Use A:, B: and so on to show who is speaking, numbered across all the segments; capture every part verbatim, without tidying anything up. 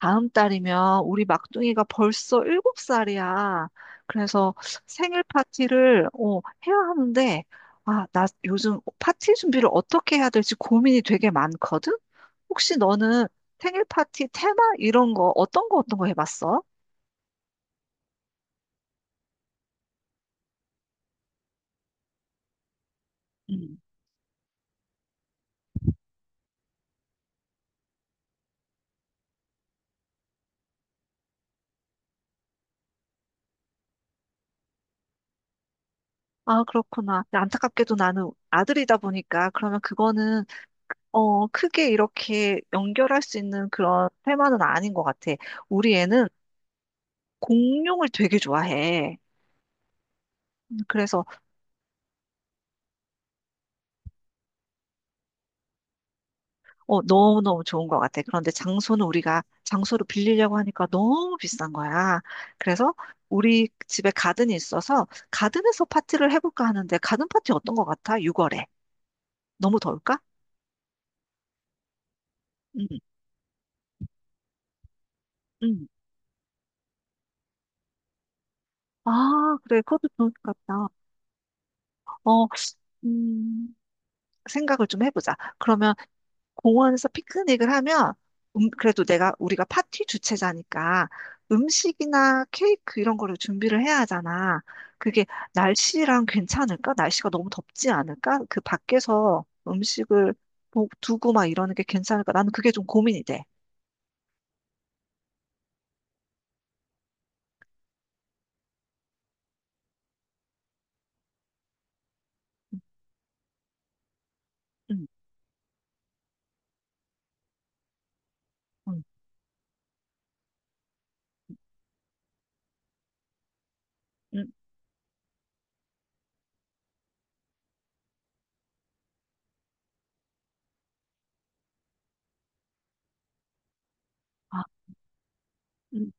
A: 다음 달이면 우리 막둥이가 벌써 일곱 살이야. 그래서 생일 파티를 어, 해야 하는데, 아, 나 요즘 파티 준비를 어떻게 해야 될지 고민이 되게 많거든? 혹시 너는 생일 파티 테마 이런 거 어떤 거 어떤 거 해봤어? 음. 아, 그렇구나. 근데 안타깝게도 나는 아들이다 보니까 그러면 그거는 어, 크게 이렇게 연결할 수 있는 그런 테마는 아닌 것 같아. 우리 애는 공룡을 되게 좋아해. 음, 그래서 어, 너무너무 좋은 것 같아. 그런데 장소는 우리가 장소를 빌리려고 하니까 너무 비싼 거야. 그래서 우리 집에 가든이 있어서 가든에서 파티를 해볼까 하는데 가든 파티 어떤 것 같아? 유월에. 너무 더울까? 응, 응. 아, 그래. 그것도 좋을 것 같다. 어, 음, 생각을 좀 해보자. 그러면 공원에서 피크닉을 하면 음, 그래도 내가 우리가 파티 주최자니까 음식이나 케이크 이런 거를 준비를 해야 하잖아. 그게 날씨랑 괜찮을까? 날씨가 너무 덥지 않을까? 그 밖에서 음식을 보- 두고 막 이러는 게 괜찮을까? 나는 그게 좀 고민이 돼. 응, 응, 응. 아, 음,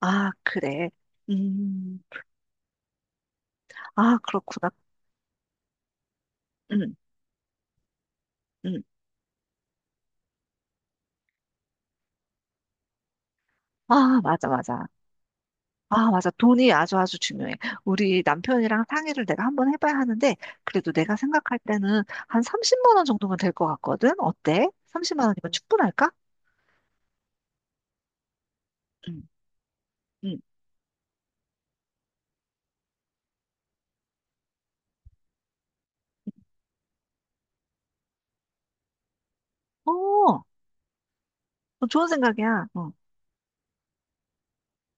A: 아, 그래. 음, 아, 그렇구나. 응, 응. 아, 맞아, 맞아. 아, 맞아. 돈이 아주 아주 중요해. 우리 남편이랑 상의를 내가 한번 해봐야 하는데, 그래도 내가 생각할 때는 한 삼십만 원 정도면 될 것 같거든? 어때? 삼십만 원이면 충분할까? 응, 응, 어, 어, 좋은 생각이야. 어.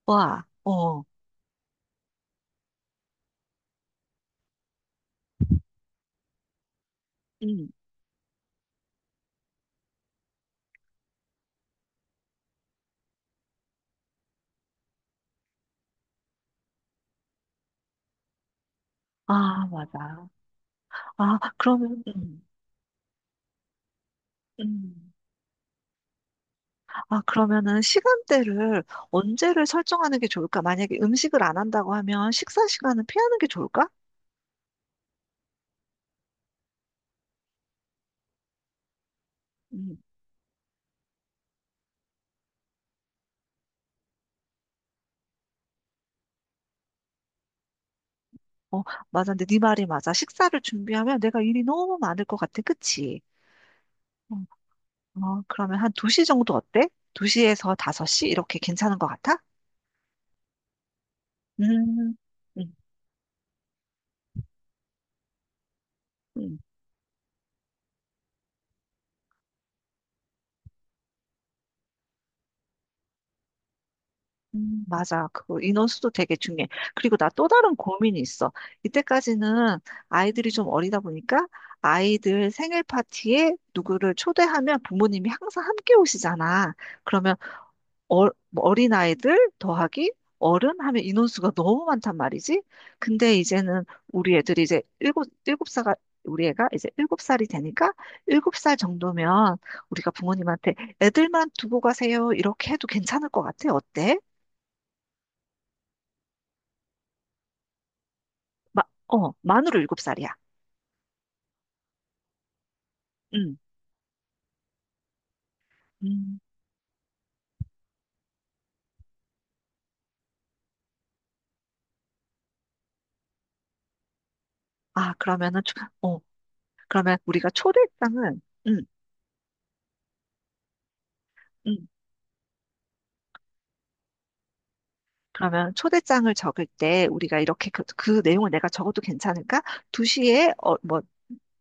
A: 와, 어. 응, 아, 맞아. 아, 그러면, 음 음 아, 그러면은 시간대를 언제를 설정하는 게 좋을까? 만약에 음식을 안 한다고 하면 식사 시간은 피하는 게 좋을까? 어, 맞아. 근데 네 말이 맞아. 식사를 준비하면 내가 일이 너무 많을 것 같아. 그치? 어, 어, 그러면 한 두 시 정도 어때? 두 시에서 다섯 시? 이렇게 괜찮은 것 같아? 음, 음, 음, 음, 맞아. 그 인원수도 되게 중요해. 그리고 나 또 다른 고민이 있어. 이때까지는 아이들이 좀 어리다 보니까 아이들 생일 파티에 누구를 초대하면 부모님이 항상 함께 오시잖아. 그러면 어, 뭐 어린아이들 더하기 어른 하면 인원수가 너무 많단 말이지. 근데 이제는 우리 애들이 이제 일곱, 일곱 살, 우리 애가 이제 일곱 살이 되니까 일곱 살 정도면 우리가 부모님한테 애들만 두고 가세요. 이렇게 해도 괜찮을 것 같아. 어때? 마, 어, 만으로 일곱 살이야. 응. 음. 아, 그러면은, 초- 어, 그러면 우리가 초대장은, 음 음 그러면 초대장을 적을 때 우리가 이렇게 그, 그 내용을 내가 적어도 괜찮을까? 두 시에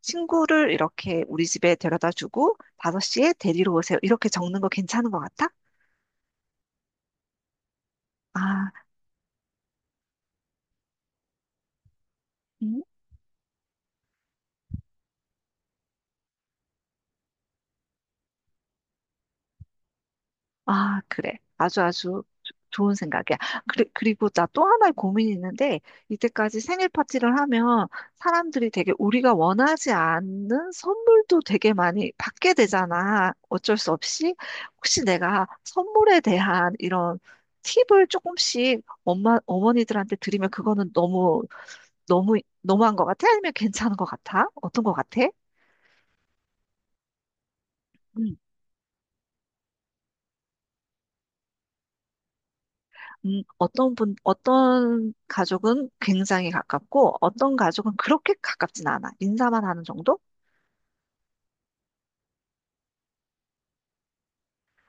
A: 친구를 이렇게 우리 집에 데려다 주고 다섯 시에 데리러 오세요. 이렇게 적는 거 괜찮은 것 같아? 아, 음? 아, 그래. 아주 아주 조- 좋은 생각이야. 그리, 그리고 나 또 하나의 고민이 있는데 이때까지 생일 파티를 하면 사람들이 되게 우리가 원하지 않는 선물도 되게 많이 받게 되잖아. 어쩔 수 없이. 혹시 내가 선물에 대한 이런 팁을 조금씩 엄마, 어머니들한테 드리면 그거는 너무 너무 너무한 것 같아? 아니면 괜찮은 것 같아? 어떤 것 같아? 음, 음, 어떤 분, 어떤 가족은 굉장히 가깝고, 어떤 가족은 그렇게 가깝진 않아. 인사만 하는 정도?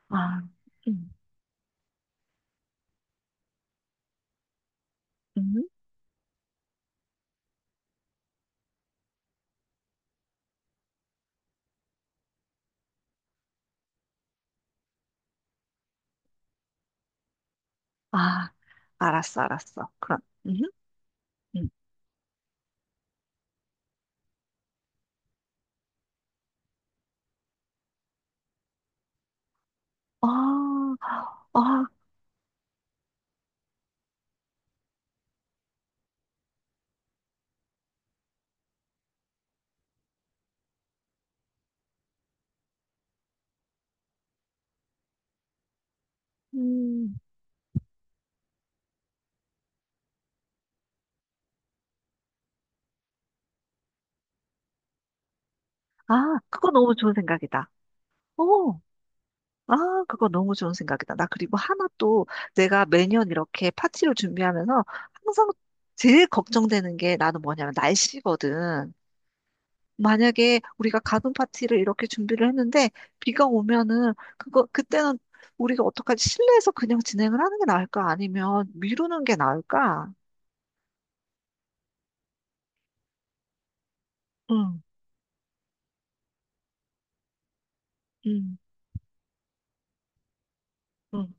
A: 아, 음, 음, 아, 알았어, 알았어. 그럼, 음, 음. 아, 아, 음, 아, 그거 너무 좋은 생각이다. 어, 아, 그거 너무 좋은 생각이다. 나 그리고 하나 또 내가 매년 이렇게 파티를 준비하면서 항상 제일 걱정되는 게 나는 뭐냐면 날씨거든. 만약에 우리가 가든 파티를 이렇게 준비를 했는데 비가 오면은 그거 그때는 우리가 어떡하지? 실내에서 그냥 진행을 하는 게 나을까? 아니면 미루는 게 나을까? 응, 응, 응,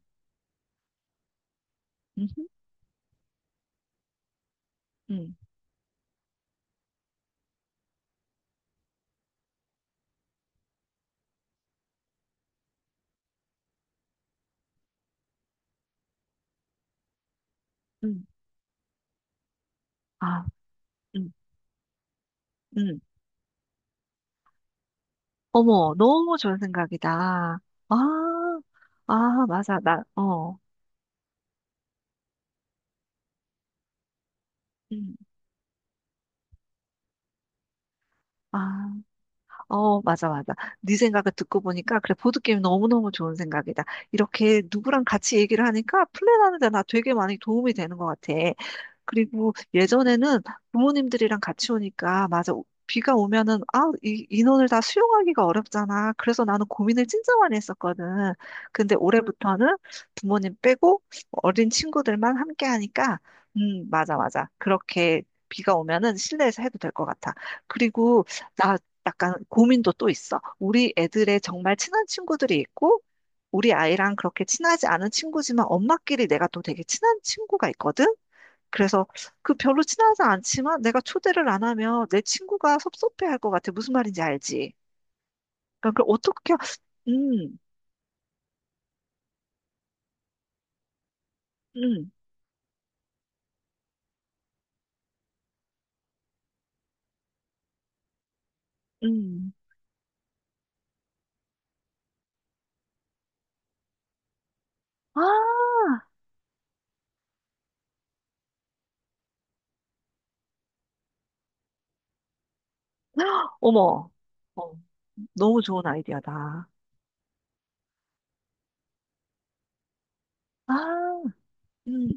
A: 응, 응, 응, 아, 응, 응. 어머, 너무 좋은 생각이다. 아, 아, 맞아. 나, 어. 음. 아, 어, 맞아, 맞아. 네 생각을 듣고 보니까, 그래, 보드게임 너무너무 좋은 생각이다. 이렇게 누구랑 같이 얘기를 하니까 플랜하는 데 나 되게 많이 도움이 되는 것 같아. 그리고 예전에는 부모님들이랑 같이 오니까, 맞아. 오- 비가 오면은, 아, 이 인원을 다 수용하기가 어렵잖아. 그래서 나는 고민을 진짜 많이 했었거든. 근데 올해부터는 부모님 빼고 어린 친구들만 함께 하니까, 음, 맞아, 맞아. 그렇게 비가 오면은 실내에서 해도 될 것 같아. 그리고 나 약간 고민도 또 있어. 우리 애들의 정말 친한 친구들이 있고, 우리 아이랑 그렇게 친하지 않은 친구지만 엄마끼리 내가 또 되게 친한 친구가 있거든? 그래서 그 별로 친하지 않지만 내가 초대를 안 하면 내 친구가 섭섭해할 것 같아. 무슨 말인지 알지? 그러니까 그걸 어떻게, 음, 음, 음. 아, 어머. 어, 너무 좋은 아이디어다. 아, 음.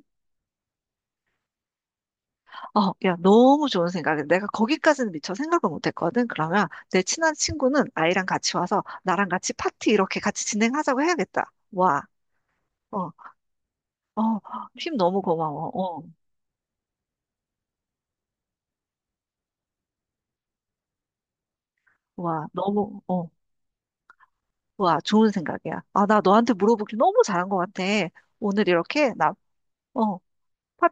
A: 어, 야, 너무 좋은 생각이야. 내가 거기까지는 미처 생각을 못 했거든. 그러면 내 친한 친구는 아이랑 같이 와서 나랑 같이 파티 이렇게 같이 진행하자고 해야겠다. 와, 어, 어, 힘 너무 고마워. 어, 와, 너무, 어. 와, 좋은 생각이야. 아, 나 너한테 물어보길 너무 잘한 것 같아. 오늘 이렇게, 나, 어, 파,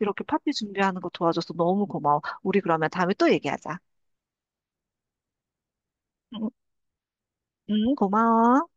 A: 이렇게 파티 준비하는 거 도와줘서 너무 고마워. 우리 그러면 다음에 또 얘기하자. 응, 응, 고마워.